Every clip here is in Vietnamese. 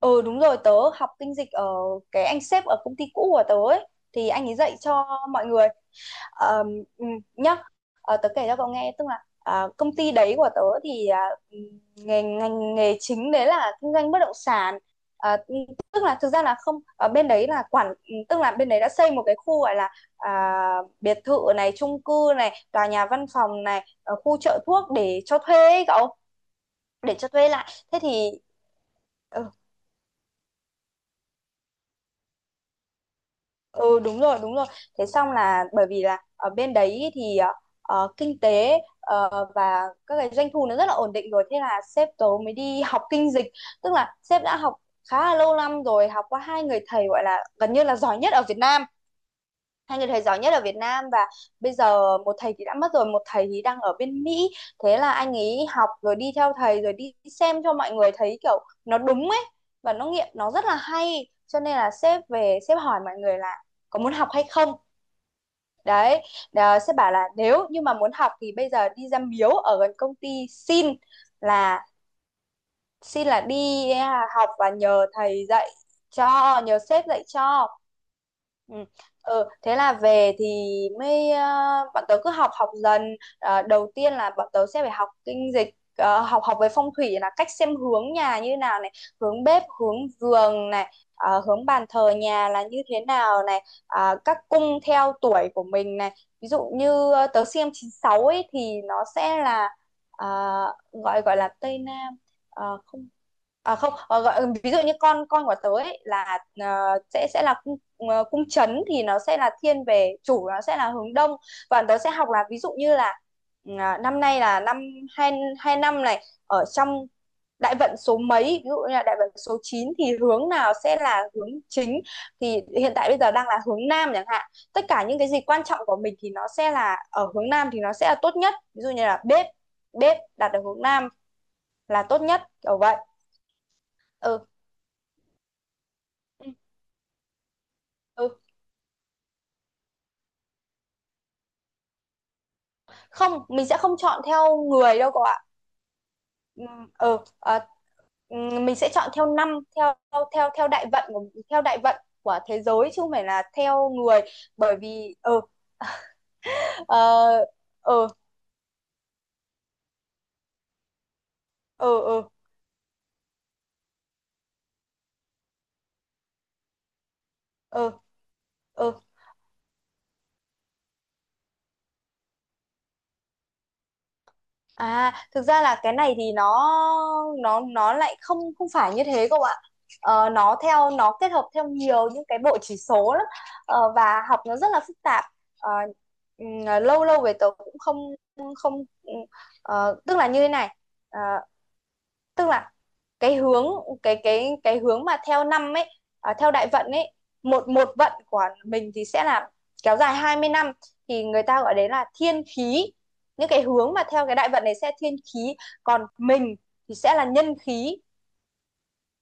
Ừ, đúng rồi, tớ học kinh dịch ở cái anh sếp ở công ty cũ của tớ ấy, thì anh ấy dạy cho mọi người. Ờm, ừ, Nhá. Tớ kể cho cậu nghe, tức là công ty đấy của tớ thì, ừ, ngành nghề chính đấy là kinh doanh bất động sản. À, ừ, Tức là thực ra là không, ở bên đấy là quản, tức là bên đấy đã xây một cái khu, gọi là à, biệt thự này, chung cư này, tòa nhà văn phòng này, khu chợ thuốc để cho thuê ấy cậu, để cho thuê lại, thế thì ừ, ừ, đúng rồi, đúng rồi. Thế xong là bởi vì là ở bên đấy ý thì kinh tế và các cái doanh thu nó rất là ổn định rồi, thế là sếp tớ mới đi học kinh dịch. Tức là sếp đã học khá là lâu năm rồi, học qua hai người thầy gọi là gần như là giỏi nhất ở Việt Nam, hai người thầy giỏi nhất ở Việt Nam, và bây giờ một thầy thì đã mất rồi, một thầy thì đang ở bên Mỹ. Thế là anh ấy học rồi đi theo thầy, rồi đi xem cho mọi người thấy kiểu nó đúng ấy, và nó nghiệm nó rất là hay, cho nên là sếp về sếp hỏi mọi người là có muốn học hay không, đấy. Sếp bảo là nếu như mà muốn học thì bây giờ đi ra miếu ở gần công ty xin là, đi học và nhờ thầy dạy cho, nhờ sếp dạy cho. Ừ. Ừ, thế là về thì mới bọn tớ cứ học, dần. Ờ, Đầu tiên là bọn tớ sẽ phải học kinh dịch, học, về phong thủy là cách xem hướng nhà như nào này, hướng bếp hướng giường này, hướng bàn thờ nhà là như thế nào này, các cung theo tuổi của mình này. Ví dụ như tớ xem chín sáu ấy thì nó sẽ là ờ, gọi, gọi là Tây Nam. Không, không, gọi, ví dụ như con của tớ ấy là sẽ, là cung, cung trấn thì nó sẽ là thiên về chủ, nó sẽ là hướng đông. Và tớ sẽ học là ví dụ như là, năm nay là năm hai hai, năm này ở trong đại vận số mấy, ví dụ như là đại vận số 9 thì hướng nào sẽ là hướng chính, thì hiện tại bây giờ đang là hướng nam chẳng hạn. Tất cả những cái gì quan trọng của mình thì nó sẽ là ở hướng nam, thì nó sẽ là tốt nhất, ví dụ như là bếp bếp đặt ở hướng nam là tốt nhất, kiểu vậy. Ừ. Ừ. Ừ. Không, mình sẽ không chọn theo người đâu cậu ạ. Ừm, ừ à, mình sẽ chọn theo năm, theo, đại vận của, theo đại vận của thế giới, chứ không phải là theo người. Bởi vì. Ừ ờ ờ ờ ờ ờ ờ À, thực ra là cái này thì nó, nó lại không, phải như thế cậu ạ. Nó theo, nó kết hợp theo nhiều những cái bộ chỉ số lắm. Và học nó rất là phức tạp. Ờ, Lâu lâu về tớ cũng không, không ừm, tức là như thế này. Ờ, Tức là cái hướng, cái hướng mà theo năm ấy, theo đại vận ấy, một một vận của mình thì sẽ là kéo dài 20 năm, thì người ta gọi đấy là thiên khí. Những cái hướng mà theo cái đại vận này sẽ thiên khí, còn mình thì sẽ là nhân khí.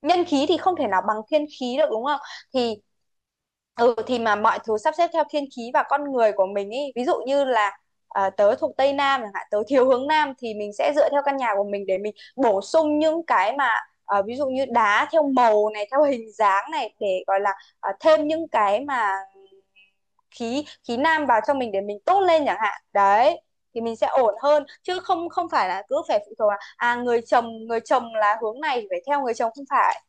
Nhân khí thì không thể nào bằng thiên khí được, đúng không? Thì, thì mà mọi thứ sắp xếp theo thiên khí và con người của mình ý. Ví dụ như là tớ thuộc Tây Nam chẳng hạn, tớ thiếu hướng Nam, thì mình sẽ dựa theo căn nhà của mình để mình bổ sung những cái mà, ví dụ như đá theo màu này, theo hình dáng này, để gọi là thêm những cái mà khí, nam vào cho mình để mình tốt lên chẳng hạn. Đấy, thì mình sẽ ổn hơn, chứ không, phải là cứ phải phụ thuộc là người chồng, là hướng này thì phải theo người chồng, không phải.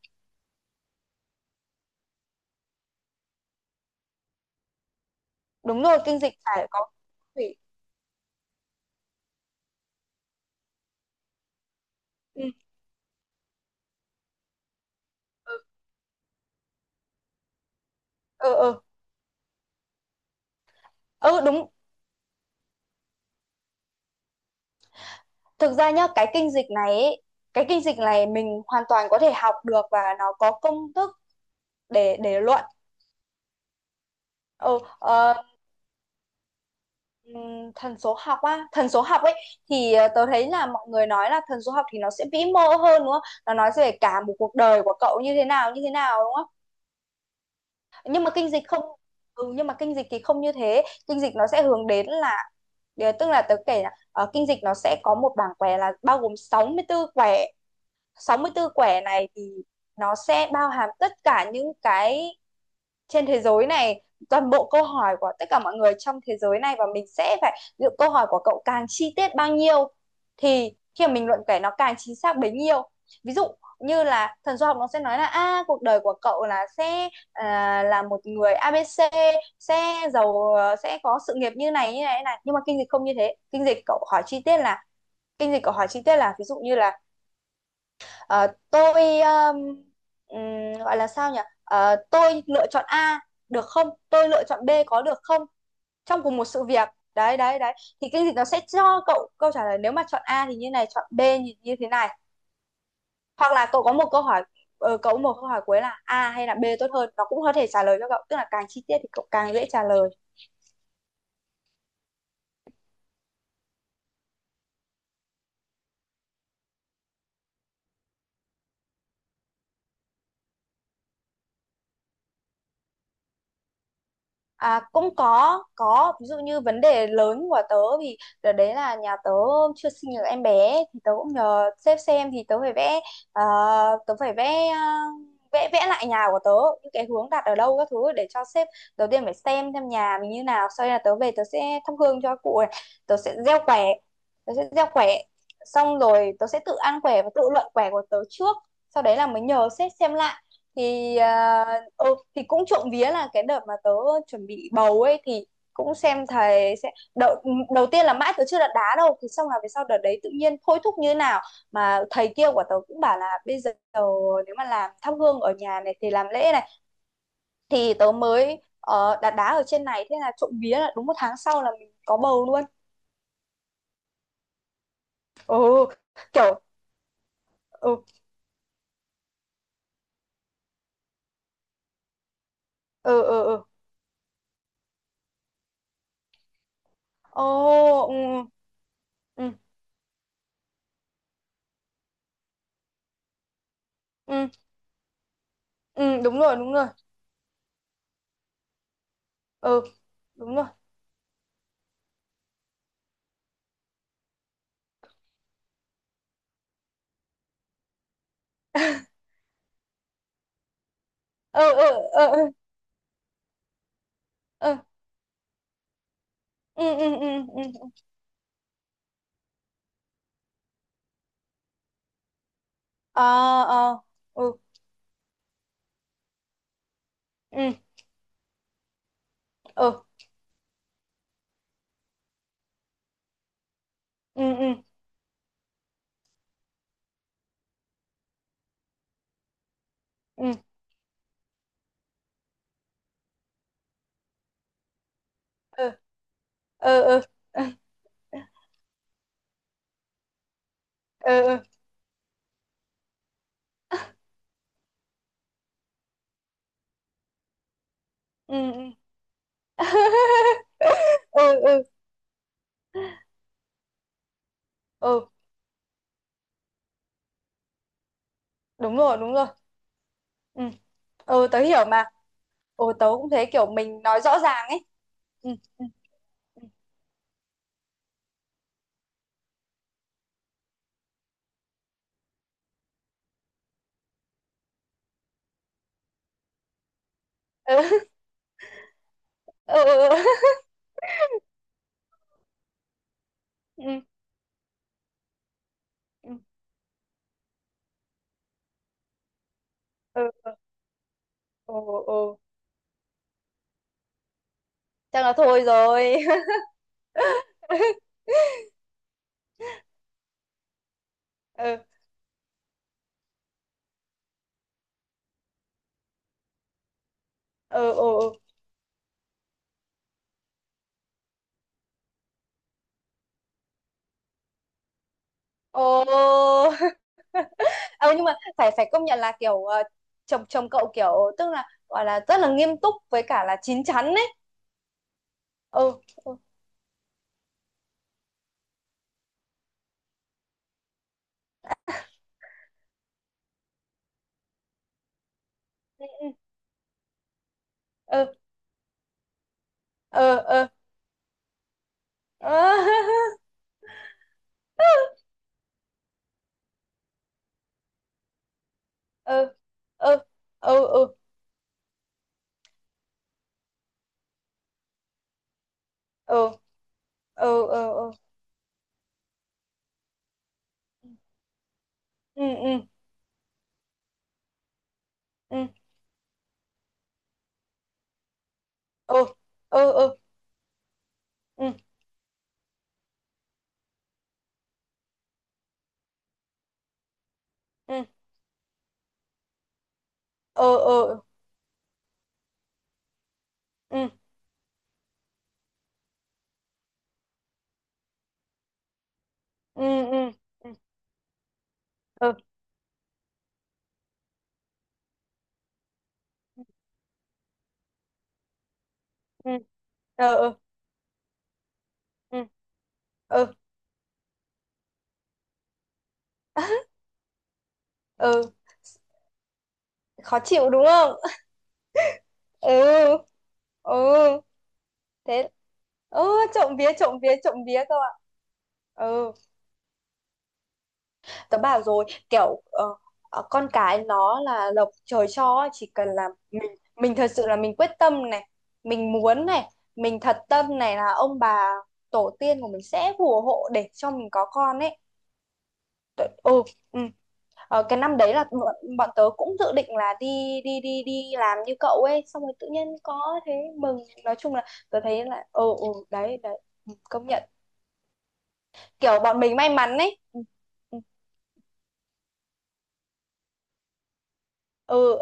Đúng rồi, kinh dịch phải có thủy. Ừ. Ừ. Ừ. Ừ. Ừ, đúng. Thực ra nhá, cái kinh dịch này ấy, cái kinh dịch này mình hoàn toàn có thể học được và nó có công thức để, luận. Ừ, thần số học á, thần số học ấy thì tớ thấy là mọi người nói là thần số học thì nó sẽ vĩ mô hơn, đúng không? Nó nói về cả một cuộc đời của cậu như thế nào, như thế nào, đúng không? Nhưng mà kinh dịch không, nhưng mà kinh dịch thì không như thế, kinh dịch nó sẽ hướng đến là, tức là tớ kể là kinh dịch nó sẽ có một bảng quẻ là bao gồm 64 quẻ, 64 quẻ này thì nó sẽ bao hàm tất cả những cái trên thế giới này, toàn bộ câu hỏi của tất cả mọi người trong thế giới này, và mình sẽ phải lựa câu hỏi của cậu càng chi tiết bao nhiêu thì khi mà mình luận kể nó càng chính xác bấy nhiêu. Ví dụ như là thần số học nó sẽ nói là, a, cuộc đời của cậu là sẽ, là một người a ABC, sẽ giàu, sẽ có sự nghiệp như này, như này, như này, nhưng mà kinh dịch không như thế. Kinh dịch cậu hỏi chi tiết là, kinh dịch cậu hỏi chi tiết là ví dụ như là, Ờ, tôi, gọi là sao nhỉ? Tôi lựa chọn A được không? Tôi lựa chọn B có được không? Trong cùng một sự việc. Đấy, đấy, đấy. Thì cái gì nó sẽ cho cậu câu trả lời, nếu mà chọn A thì như này, chọn B như, như thế này. Hoặc là cậu có một câu hỏi, cậu có một câu hỏi cuối là A hay là B tốt hơn, nó cũng có thể trả lời cho cậu, tức là càng chi tiết thì cậu càng dễ trả lời. À, cũng có, ví dụ như vấn đề lớn của tớ thì đợt đấy là nhà tớ chưa sinh được em bé, thì tớ cũng nhờ sếp xem, thì tớ phải vẽ, ờ, tớ phải vẽ, vẽ, lại nhà của tớ, những cái hướng đặt ở đâu các thứ để cho sếp, đầu tiên phải xem nhà mình như nào. Sau đây là tớ về, tớ sẽ thắp hương cho cụ này, tớ sẽ gieo quẻ, tớ sẽ gieo quẻ xong rồi tớ sẽ tự ăn quẻ và tự luận quẻ của tớ trước, sau đấy là mới nhờ sếp xem lại thì, thì cũng trộm vía là cái đợt mà tớ chuẩn bị bầu ấy thì cũng xem thầy sẽ, đầu tiên là mãi tớ chưa đặt đá đâu, thì xong là về sau đợt đấy tự nhiên thôi thúc như thế nào mà thầy kia của tớ cũng bảo là bây giờ, nếu mà làm thắp hương ở nhà này thì làm lễ này, thì tớ mới đặt đá ở trên này, thế là trộm vía là đúng một tháng sau là mình có bầu luôn. Ừ, kiểu. Ừ. Ừ. Ừ. Ừ. Ồ. Ừ. Ừ. Ừ. Ừ, đúng rồi, đúng rồi. Ừ, đúng rồi. Ừ. Ừ. Ừ. Ừ. Ừ. Ừ. Ừ. Ừ. Ừ. Ờ. Ờ. Ừ. Ừ. Ừ. Ừ. Ừ. Ừ. Ừ. Ừ. Ừ. Ừ. Ừ. Ừ. Ừ. Ừ. Ừ. Ừ. Ừ. Đúng rồi, đúng rồi. Ừ. Ừ, tớ hiểu mà. Ừ, tớ cũng thế, kiểu mình nói rõ ràng ấy. Ừ. Ừ. Ừ. Ừ. Ừ. Ừ. Ừ. Ừ. Ừ. Ừ. Chắc là thôi rồi. Ừ. Ừ. Ừ. Ừ. Ồ. Ừ, nhưng mà phải phải công nhận là kiểu chồng chồng cậu kiểu, tức là gọi là rất là nghiêm túc với cả là chín chắn ấy. Ừ. Ừ. Ừ. Ừ. Ừ. Ừ. Ừ. Ừ. Ừ. Ừ. Ừ. Ừ. Ừ. Ừ. Ừ. Ừ. Ừ. Ừ. Ừ. Ừ. Ừ. Ừ. Ừ. Ừ. Ừ. Ừ. Ừ. Ừ. Ừ. Ừ. Ừ. Ừ. Ừ. Ừ. Ừ. Ừ. Khó chịu đúng không? Ừ. Ừ. Thế. Ừ, trộm vía, trộm vía, trộm vía cơ ạ. Ừ, tớ bảo rồi kiểu con cái nó là lộc trời cho ấy, chỉ cần là mình, thật sự là mình quyết tâm này, mình muốn này, mình thật tâm này là ông bà tổ tiên của mình sẽ phù hộ để cho mình có con ấy. Tớ- ừ, ừ. Cái năm đấy là bọn, tớ cũng dự định là đi, đi đi đi làm như cậu ấy, xong rồi tự nhiên có, thế mừng. Nói chung là tớ thấy là, đấy, đấy. Ừ, công nhận, kiểu bọn mình may mắn ấy. Ừ, ừ. Ừ.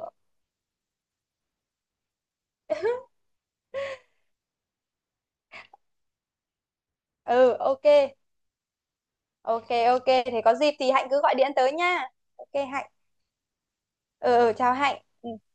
Ừ. Ok. Ok, ok thì có dịp thì Hạnh cứ gọi điện tới nha. Ok Hạnh. Ừ, ừ, chào Hạnh. Ừ.